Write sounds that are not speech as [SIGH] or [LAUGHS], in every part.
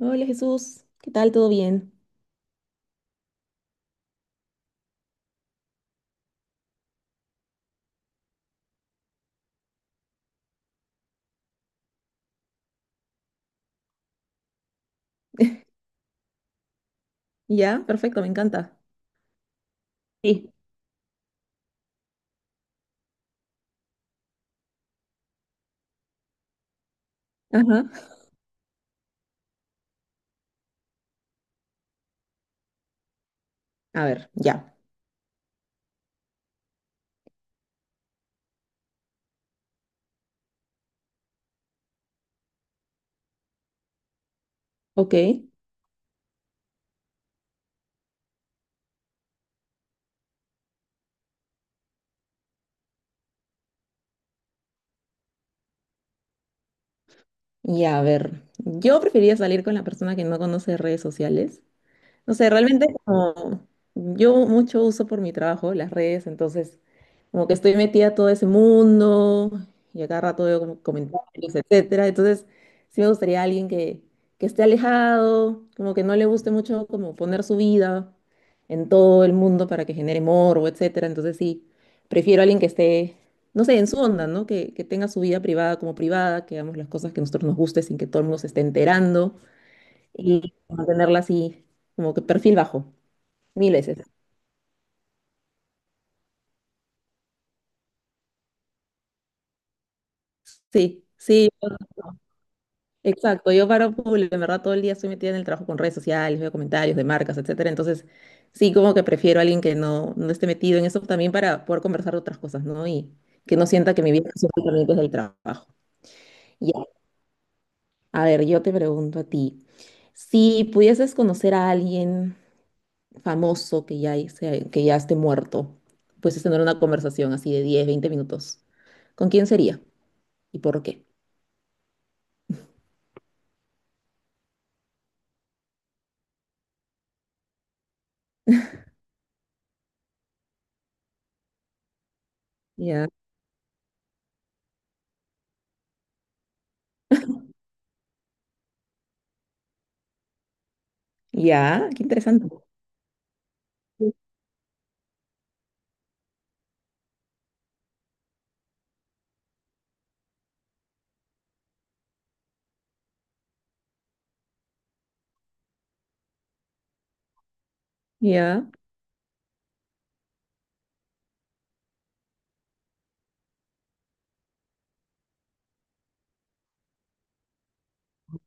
Hola Jesús, ¿qué tal? ¿Todo bien? [LAUGHS] Ya, perfecto, me encanta. Sí. Ajá. A ver, ya. Ok. Ya, a ver. Yo preferiría salir con la persona que no conoce redes sociales. No sé, realmente como yo mucho uso por mi trabajo las redes, entonces como que estoy metida a todo ese mundo y a cada rato veo como comentarios, etcétera. Entonces sí me gustaría alguien que esté alejado, como que no le guste mucho como poner su vida en todo el mundo para que genere morbo, etcétera. Entonces sí, prefiero a alguien que esté, no sé, en su onda, ¿no? Que tenga su vida privada como privada, que hagamos las cosas que a nosotros nos guste sin que todo el mundo se esté enterando y mantenerla así, como que perfil bajo, mil veces. Sí, sí, exacto. Yo paro público, en verdad todo el día estoy metida en el trabajo con redes sociales, veo comentarios de marcas, etcétera. Entonces, sí, como que prefiero a alguien que no esté metido en eso también para poder conversar de otras cosas, ¿no? Y que no sienta que mi vida es únicamente es el trabajo. Ya. A ver, yo te pregunto a ti, si pudieses conocer a alguien famoso que ya esté muerto, pues es tener una conversación así de 10 20 minutos. ¿Con quién sería y por qué? Ya, ya, qué interesante. Ya,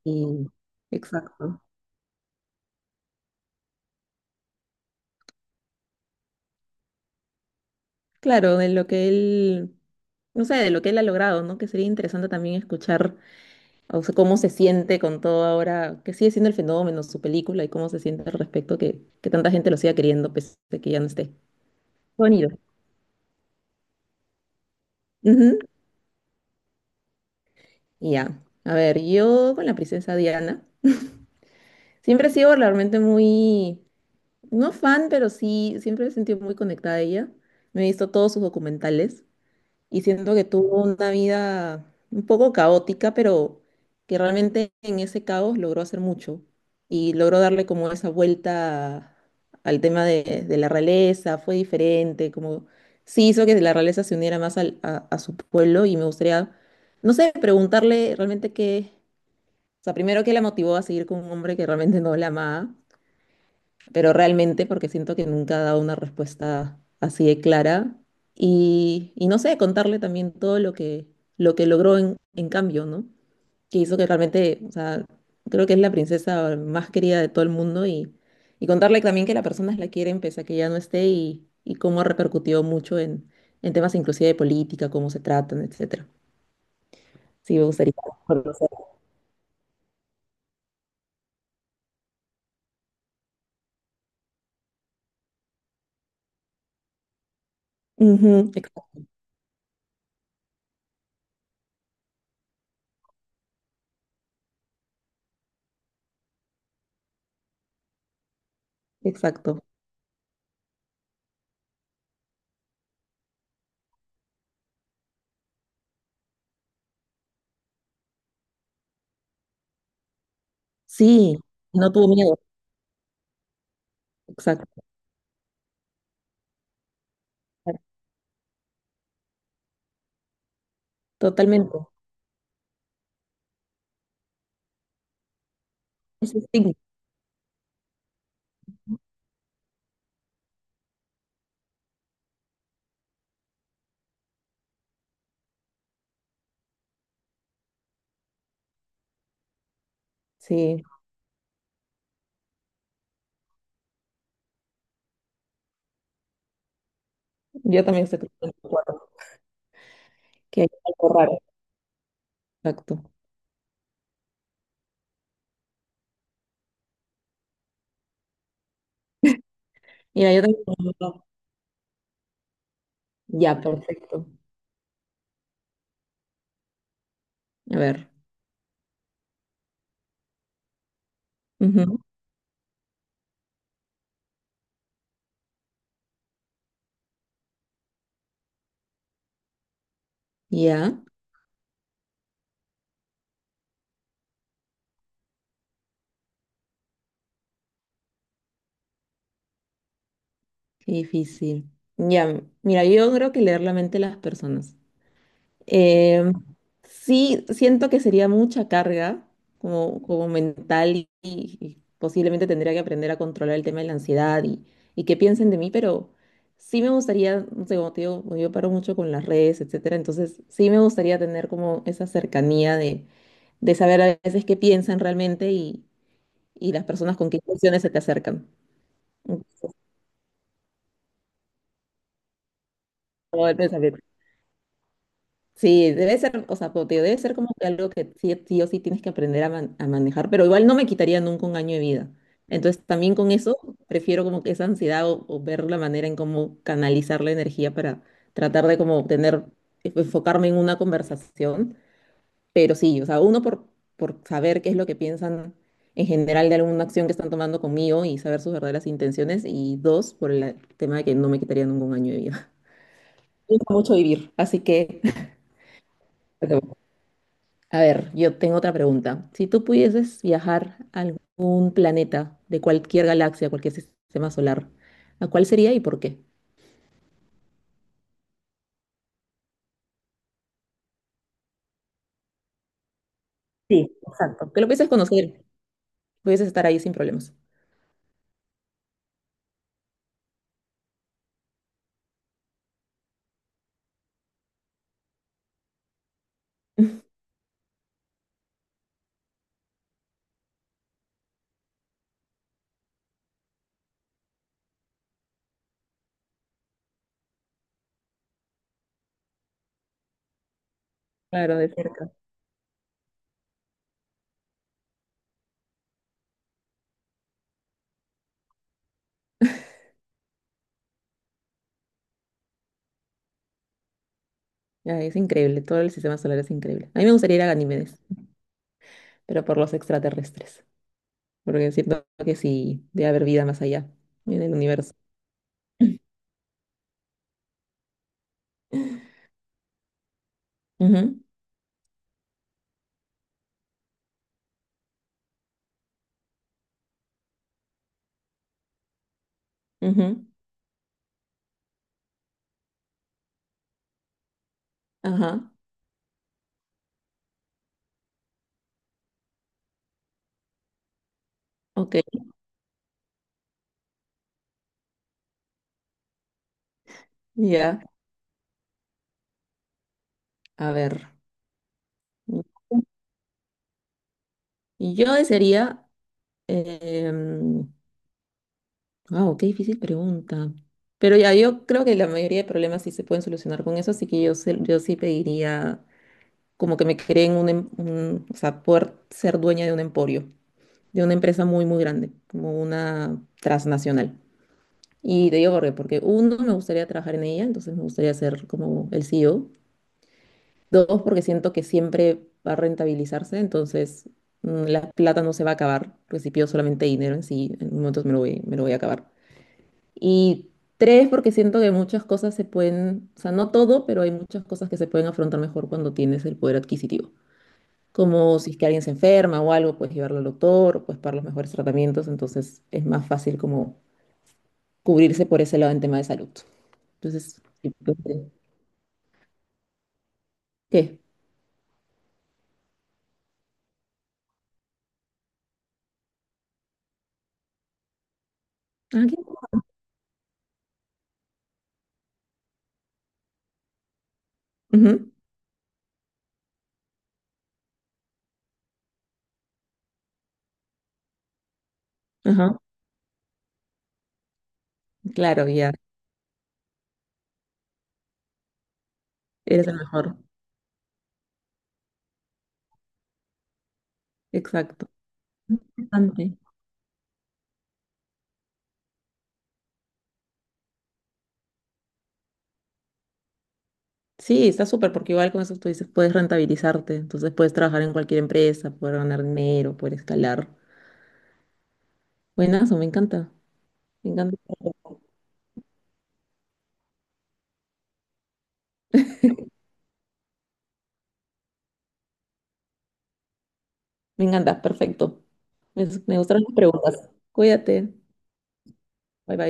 y exacto. Claro, de lo que él, no sé, de lo que él ha logrado, ¿no? Que sería interesante también escuchar, o sea, cómo se siente con todo ahora, que sigue siendo el fenómeno, su película y cómo se siente al respecto, que tanta gente lo siga queriendo, pese a que ya no esté. Bonito. Ujú, y ya, a ver, yo con la princesa Diana, siempre he sido realmente muy, no fan, pero sí, siempre me he sentido muy conectada a ella. Me he visto todos sus documentales. Y siento que tuvo una vida un poco caótica, pero que realmente en ese caos logró hacer mucho y logró darle como esa vuelta al tema de la realeza, fue diferente, como sí hizo que la realeza se uniera más al- a su pueblo y me gustaría, no sé, preguntarle realmente qué, o sea, primero qué la motivó a seguir con un hombre que realmente no la amaba, pero realmente porque siento que nunca ha dado una respuesta así de clara y no sé, contarle también todo lo que logró en cambio, ¿no? Que hizo que realmente, o sea, creo que es la princesa más querida de todo el mundo y contarle también que las personas la quieren pese a que ya no esté y cómo ha repercutido mucho en temas inclusive de política, cómo se tratan, etcétera. Sí, me gustaría conocer. Ujú, exacto, exacto. Sí, no tuvo miedo, exacto, totalmente. Ese estigma. Sí, yo también estoy creyendo en cuatro, que hay algo raro. Exacto. Mira, yo también tengo uno. Ya, perfecto. A ver. Ujú. Ya, qué difícil. Ya, mira, yo creo que leer la mente de las personas. Eh, sí, siento que sería mucha carga como, como mental y posiblemente tendría que aprender a controlar el tema de la ansiedad y qué piensen de mí, pero sí me gustaría, no sé, como te digo, como yo paro mucho con las redes, etcétera, entonces sí me gustaría tener como esa cercanía de saber a veces qué piensan realmente y las personas con qué emociones se te acercan. Un poco de pensamiento. Sí, debe ser, o sea, como te digo, debe ser como que algo que sí, sí o sí tienes que aprender a, man- a manejar, pero igual no me quitaría nunca un año de vida. Entonces, también con eso, prefiero como que esa ansiedad o ver la manera en cómo canalizar la energía para tratar de como tener, e, enfocarme en una conversación. Pero sí, o sea, uno por saber qué es lo que piensan en general de alguna acción que están tomando conmigo y saber sus verdaderas intenciones. Y dos, por el tema de que no me quitaría nunca un año de vida. Me gusta mucho vivir, así que... [LAUGHS] A ver, yo tengo otra pregunta. Si tú pudieses viajar a algún planeta de cualquier galaxia, cualquier sistema solar, ¿a cuál sería y por qué? Aunque lo pudieses conocer, pudieses estar ahí sin problemas. Claro, de cerca. Ay, es increíble, todo el sistema solar es increíble. A mí me gustaría ir a Ganímedes, pero por los extraterrestres, porque siento que sí debe haber vida más allá, en el universo. [LAUGHS] Ujú, ujú, ajá, ok, ya, a ver. Yo desearía, em, wow, qué difícil pregunta. Pero ya, yo creo que la mayoría de problemas sí se pueden solucionar con eso, así que yo, se- yo sí pediría como que me creen o sea, poder ser dueña de un emporio, de una empresa muy, muy grande, como una transnacional. Y te digo por qué, porque uno, me gustaría trabajar en ella, entonces me gustaría ser como el CEO. Dos, porque siento que siempre va a rentabilizarse, entonces la plata no se va a acabar, porque si pido solamente dinero en sí, en momentos me lo voy a acabar. Y tres, porque siento que muchas cosas se pueden, o sea, no todo, pero hay muchas cosas que se pueden afrontar mejor cuando tienes el poder adquisitivo. Como si es que alguien se enferma o algo, puedes llevarlo al doctor, puedes pagar los mejores tratamientos, entonces es más fácil como cubrirse por ese lado en tema de salud. Entonces, sí, pues, ¿qué? Ah, ¿qué? Ujú, ajá, claro, ya, eres el mejor. Exacto. Importante. Sí, está súper porque igual con eso tú dices, puedes rentabilizarte, entonces puedes trabajar en cualquier empresa, poder ganar dinero, poder escalar. Buenazo, me encanta, me encanta, me encanta, perfecto. Me gustaron las preguntas. Cuídate, bye bye.